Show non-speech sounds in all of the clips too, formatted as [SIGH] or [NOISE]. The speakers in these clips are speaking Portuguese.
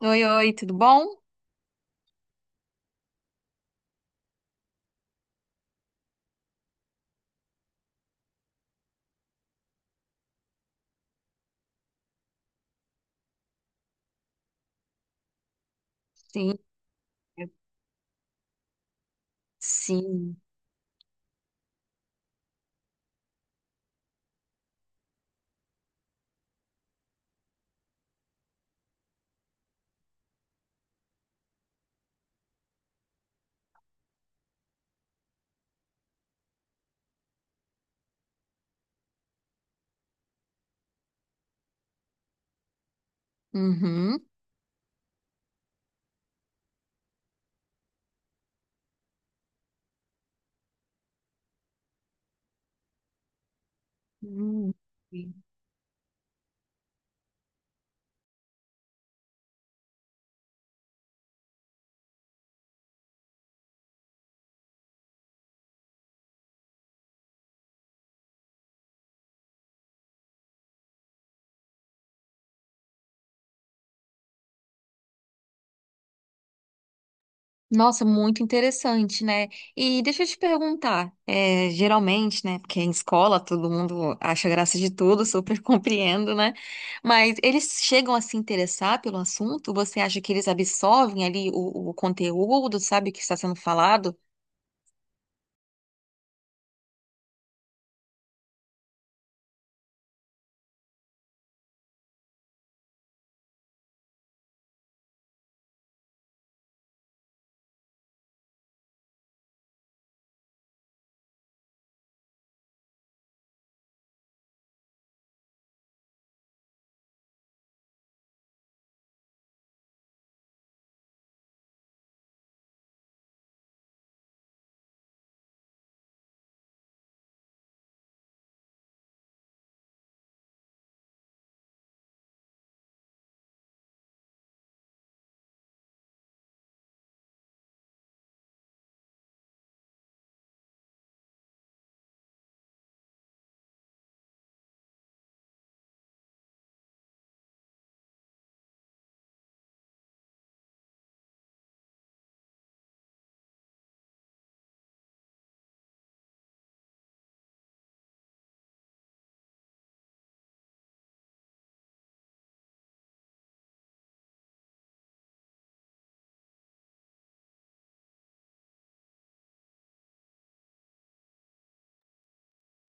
Oi, oi, tudo bom? Sim, eu- sim. Uhum. Hum. Nossa, muito interessante, né? E deixa eu te perguntar, é, geralmente, né? Porque em escola todo mundo acha graça de tudo, super [LAUGHS] compreendo, né? Mas eles chegam a se interessar pelo assunto? Você acha que eles absorvem ali o conteúdo, sabe, o que está sendo falado?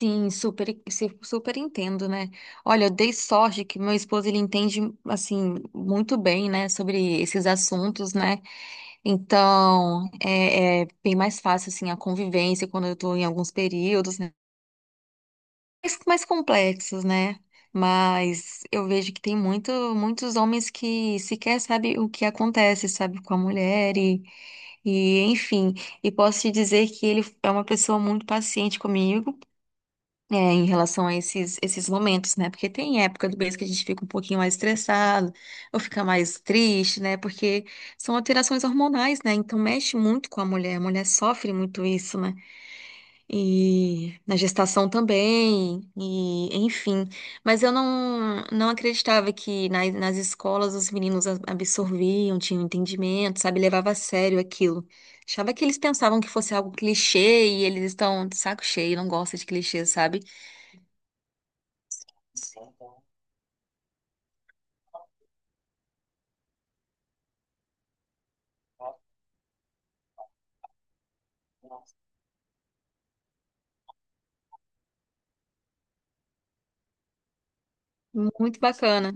Sim, super, super entendo, né? Olha, eu dei sorte que meu esposo ele entende assim muito bem, né, sobre esses assuntos, né? Então é, é bem mais fácil assim a convivência quando eu estou em alguns períodos, né? Mais complexos, né? Mas eu vejo que tem muito, muitos homens que sequer sabem o que acontece, sabe, com a mulher e enfim. E posso te dizer que ele é uma pessoa muito paciente comigo. É, em relação a esses momentos, né? Porque tem época do mês que a gente fica um pouquinho mais estressado, ou fica mais triste, né? Porque são alterações hormonais, né? Então mexe muito com a mulher. A mulher sofre muito isso, né? E na gestação também, e enfim. Mas eu não acreditava que nas escolas os meninos absorviam, tinham entendimento, sabe? Levava a sério aquilo. Achava que eles pensavam que fosse algo clichê e eles estão de saco cheio, não gostam de clichês, sabe? Muito bacana.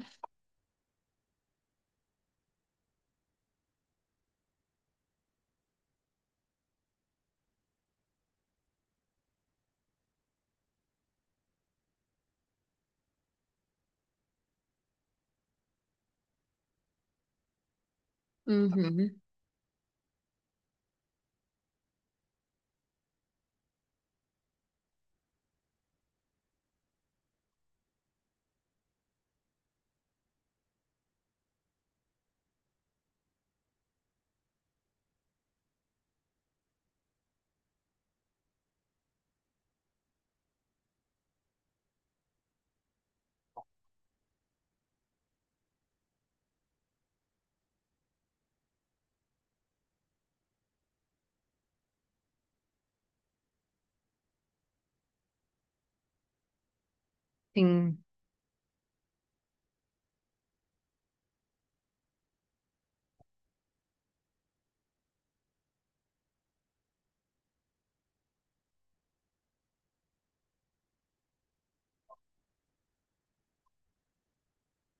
Uhum, sim.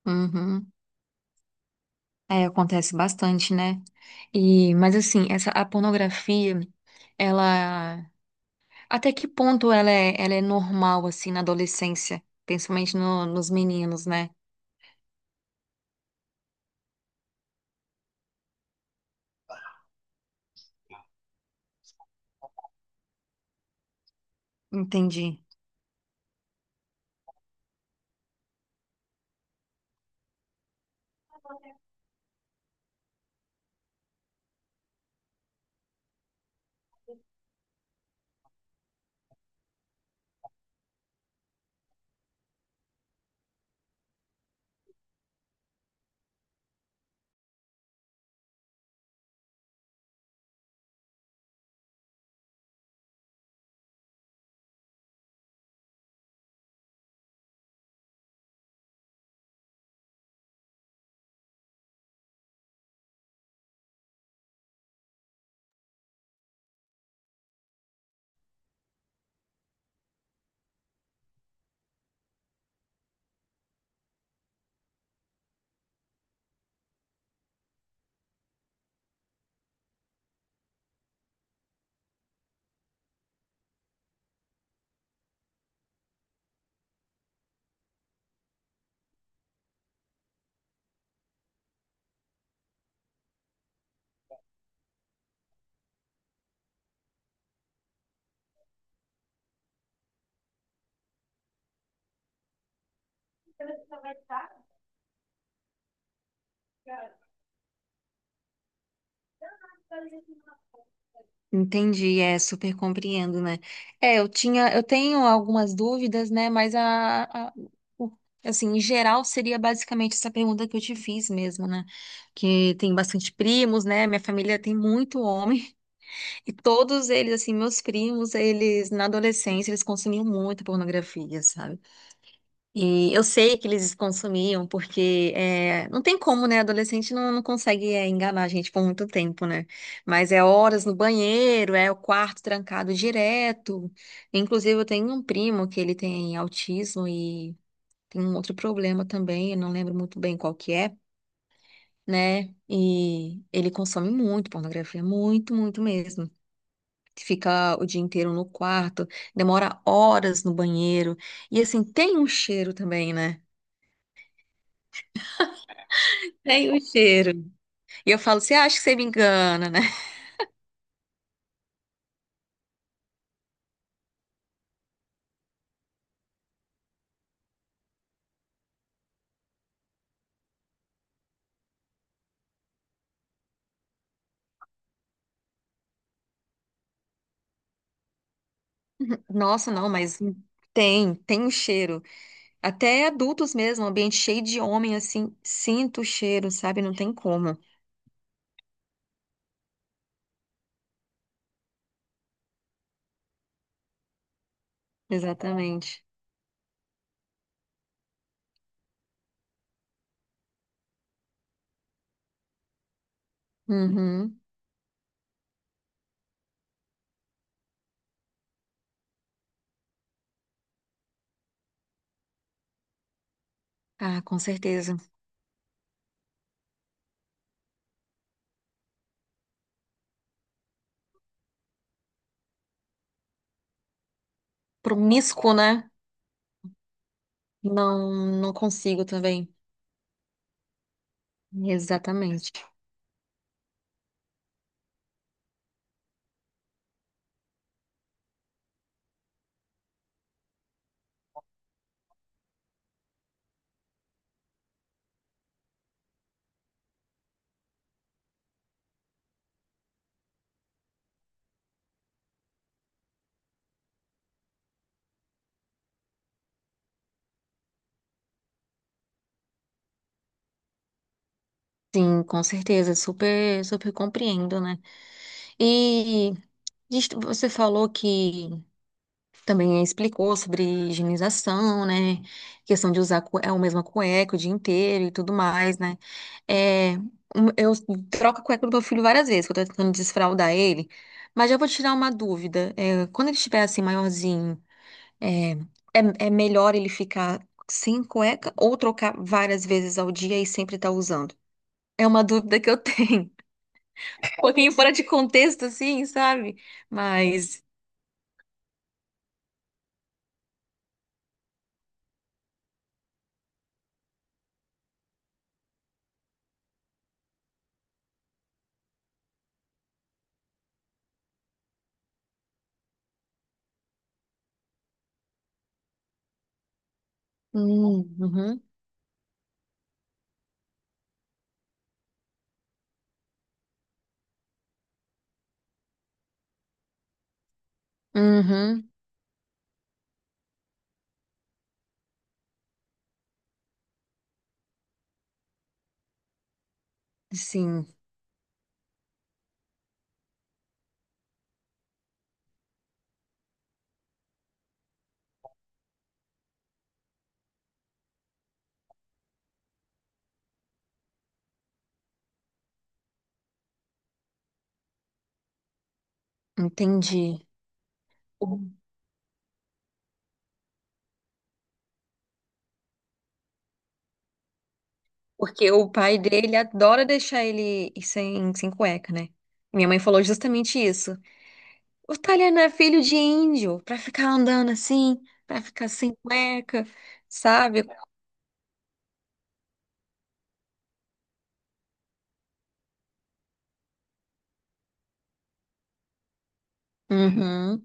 Uhum. É, acontece bastante, né? E, mas assim, essa a pornografia, ela até que ponto ela é normal assim na adolescência, principalmente nos meninos, né? Entendi. Entendi, é, super compreendo, né? É, eu tinha, eu tenho algumas dúvidas, né? O- assim, em geral seria basicamente essa pergunta que eu te fiz mesmo, né? Que tem bastante primos, né? Minha família tem muito homem [LAUGHS] e todos eles, assim, meus primos, eles na adolescência eles consumiam muita pornografia, sabe? E eu sei que eles consumiam, porque é, não tem como, né? Adolescente não consegue é, enganar a gente por muito tempo, né? Mas é horas no banheiro, é o quarto trancado direto. Inclusive, eu tenho um primo que ele tem autismo e tem um outro problema também, eu não lembro muito bem qual que é, né? E ele consome muito pornografia, muito, muito mesmo. Fica o dia inteiro no quarto, demora horas no banheiro. E assim, tem um cheiro também, né? Tem um cheiro. E eu falo, você acha que você me engana, né? [LAUGHS] Nossa, não, mas tem, tem o cheiro. Até adultos mesmo, ambiente cheio de homem, assim, sinto o cheiro, sabe? Não tem como. Exatamente. Uhum. Ah, com certeza. Promíscuo, né? Não, não consigo também. Exatamente. Sim, com certeza. Super, super compreendo, né? E você falou que também explicou sobre higienização, né? Questão de usar é, a mesma cueca o dia inteiro e tudo mais, né? É, eu troco a cueca do meu filho várias vezes, que eu tô tentando desfraldar ele. Mas já vou tirar uma dúvida. É, quando ele estiver assim, maiorzinho, é, é melhor ele ficar sem cueca ou trocar várias vezes ao dia e sempre estar usando? É uma dúvida que eu tenho. [LAUGHS] Um pouquinho fora de contexto, assim, sabe? Mas. Uhum, uhum, sim. Entendi. O- Porque o pai dele adora deixar ele ir sem, sem cueca, né? Minha mãe falou justamente isso. O Taliano é filho de índio, pra ficar andando assim, pra ficar sem cueca, sabe? Uhum,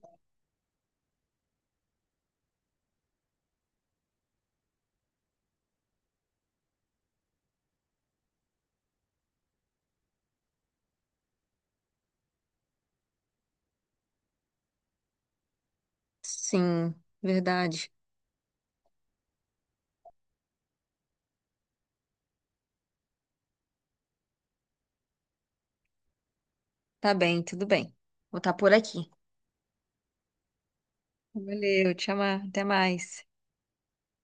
sim, verdade. Tá bem, tudo bem. Vou estar por aqui. Valeu, te amar, até mais.